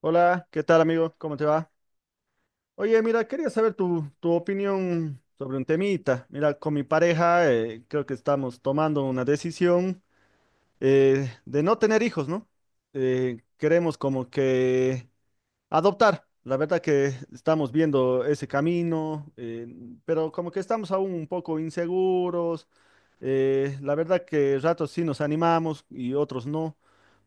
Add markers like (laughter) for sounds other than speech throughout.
Hola, ¿qué tal amigo? ¿Cómo te va? Oye, mira, quería saber tu opinión sobre un temita. Mira, con mi pareja creo que estamos tomando una decisión de no tener hijos, ¿no? Queremos como que adoptar. La verdad que estamos viendo ese camino, pero como que estamos aún un poco inseguros. La verdad que ratos sí nos animamos y otros no.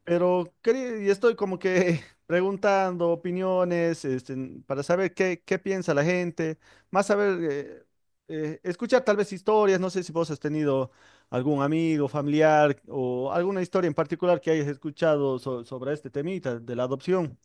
Pero y estoy como que (laughs) preguntando opiniones, este, para saber qué piensa la gente, más saber, escuchar tal vez historias, no sé si vos has tenido algún amigo, familiar o alguna historia en particular que hayas escuchado sobre este temita de la adopción.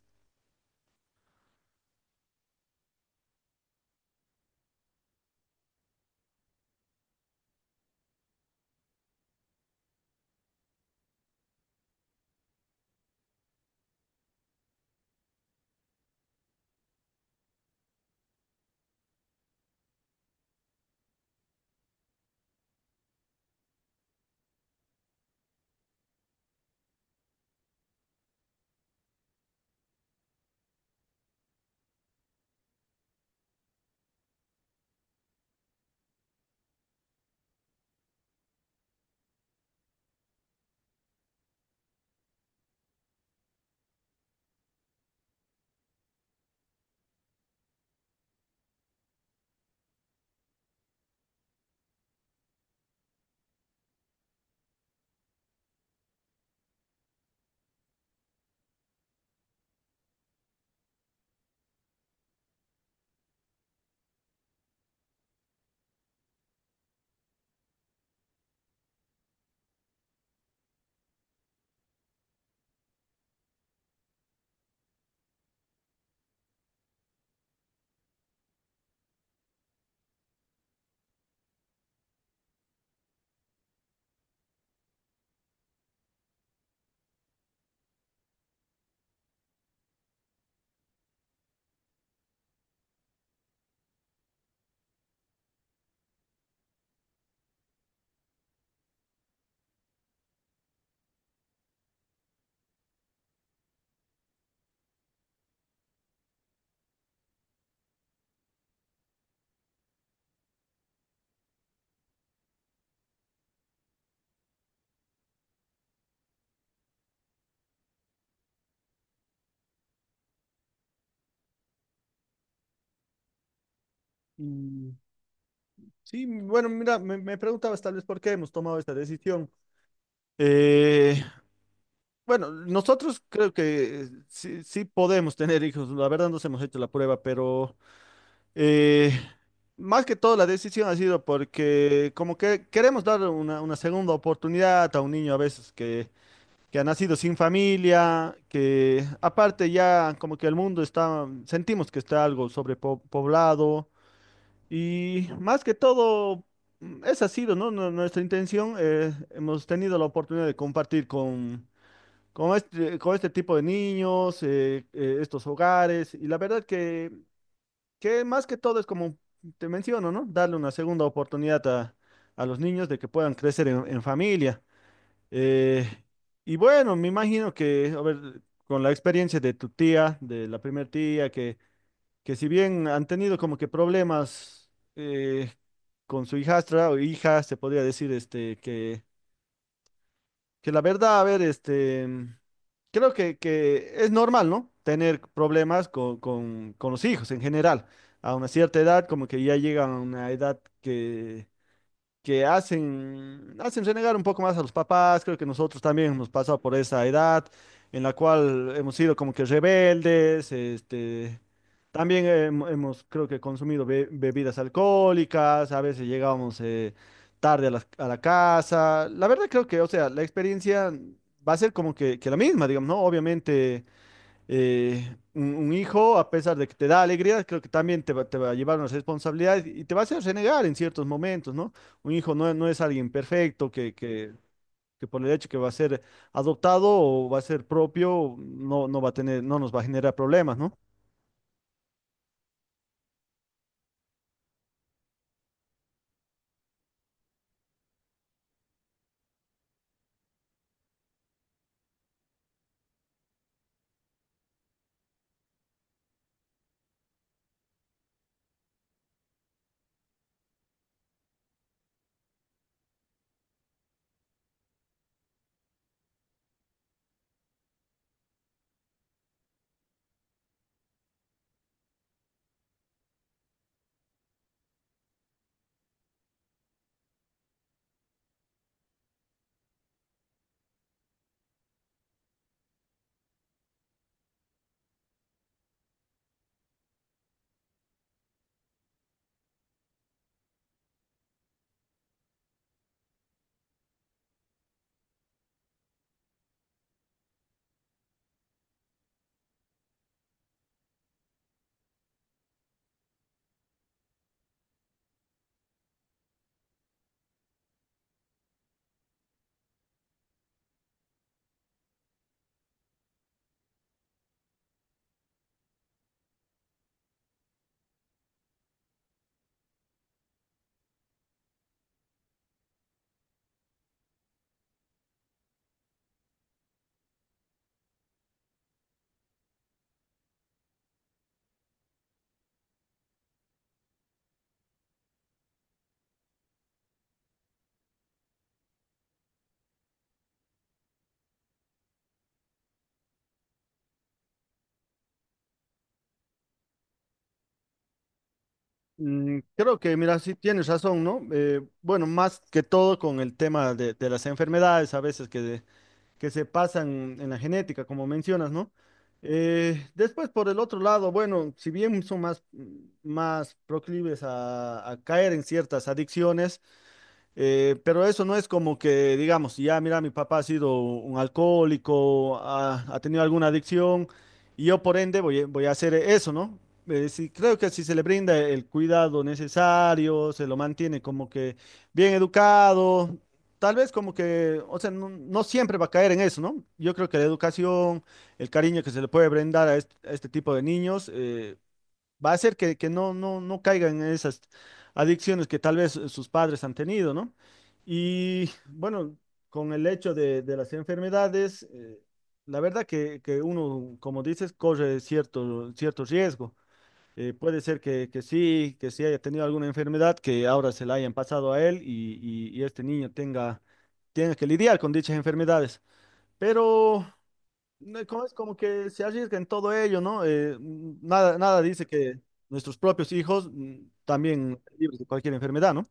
Mm, sí, bueno, mira, me preguntabas tal vez por qué hemos tomado esta decisión. Eh, bueno, nosotros creo que sí podemos tener hijos, la verdad nos hemos hecho la prueba, pero… Eh, Más que todo la decisión ha sido porque como que queremos dar una segunda oportunidad a un niño a veces que ha nacido sin familia, que aparte ya como que el mundo está, sentimos que está algo sobrepoblado y más que todo esa ha sido, ¿no? Nuestra intención. Hemos tenido la oportunidad de compartir con… con este tipo de niños, estos hogares, y la verdad que más que todo es como te menciono, ¿no? Darle una segunda oportunidad a los niños de que puedan crecer en familia. Eh, y bueno, me imagino que, a ver, con la experiencia de tu tía, de la primer tía, que si bien han tenido como que problemas eh, con su hijastra o hija, se podría decir este, que la verdad, a ver, este, creo que es normal, ¿no? Tener problemas con los hijos en general. A una cierta edad, como que ya llegan a una edad que hacen, hacen renegar un poco más a los papás. Creo que nosotros también hemos pasado por esa edad en la cual hemos sido como que rebeldes, este, también hemos, creo que consumido bebidas alcohólicas, a veces llegábamos tarde a a la casa. La verdad creo que, o sea, la experiencia va a ser como que la misma, digamos, ¿no? Obviamente un hijo, a pesar de que te da alegría, creo que también te va a llevar una responsabilidad y te va a hacer renegar en ciertos momentos, ¿no? Un hijo no es alguien perfecto que por el hecho que va a ser adoptado o va a ser propio, no va a tener, no nos va a generar problemas, ¿no? Mm, creo que, mira, sí tienes razón, ¿no? Bueno, más que todo con el tema de las enfermedades, a veces que se pasan en la genética, como mencionas, ¿no? Después, por el otro lado, bueno, si bien son más, más proclives a caer en ciertas adicciones, pero eso no es como que, digamos, si ya mira, mi papá ha sido un alcohólico, ha tenido alguna adicción, y yo por ende voy, voy a hacer eso, ¿no? Sí, creo que si se le brinda el cuidado necesario, se lo mantiene como que bien educado, tal vez como que, o sea, no siempre va a caer en eso, ¿no? Yo creo que la educación, el cariño que se le puede brindar a a este tipo de niños, va a hacer que no caigan en esas adicciones que tal vez sus padres han tenido, ¿no? Y bueno, con el hecho de las enfermedades, la verdad que uno, como dices, corre cierto, cierto riesgo. Puede ser que sí haya tenido alguna enfermedad que ahora se la hayan pasado a él y este niño tenga, tenga que lidiar con dichas enfermedades. Pero no, como es como que se arriesga en todo ello, ¿no? Nada, nada dice que nuestros propios hijos también libres de cualquier enfermedad, ¿no?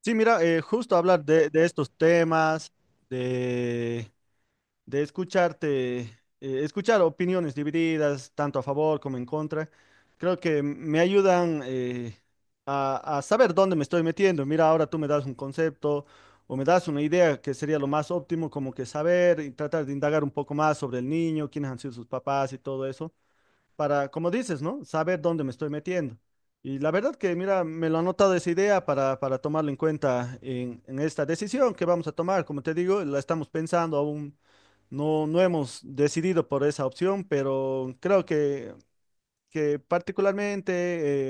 Sí, mira, justo hablar de estos temas, de escucharte, escuchar opiniones divididas, tanto a favor como en contra, creo que me ayudan a saber dónde me estoy metiendo. Mira, ahora tú me das un concepto o me das una idea que sería lo más óptimo, como que saber y tratar de indagar un poco más sobre el niño, quiénes han sido sus papás y todo eso para, como dices, ¿no? Saber dónde me estoy metiendo. Y la verdad que, mira, me lo ha anotado esa idea para tomarlo en cuenta en esta decisión que vamos a tomar. Como te digo, la estamos pensando aún, no hemos decidido por esa opción, pero creo que particularmente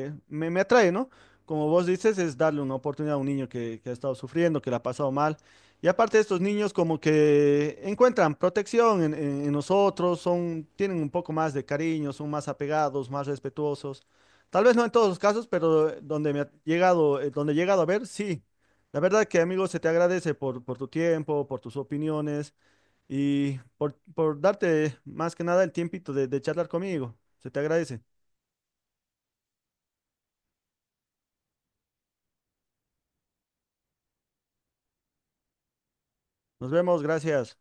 me atrae, ¿no? Como vos dices, es darle una oportunidad a un niño que ha estado sufriendo, que la ha pasado mal. Y aparte estos niños como que encuentran protección en nosotros, son, tienen un poco más de cariño, son más apegados, más respetuosos. Tal vez no en todos los casos, pero donde me ha llegado, donde he llegado a ver, sí. La verdad que, amigo, se te agradece por tu tiempo, por tus opiniones y por darte más que nada el tiempito de charlar conmigo. Se te agradece. Nos vemos, gracias.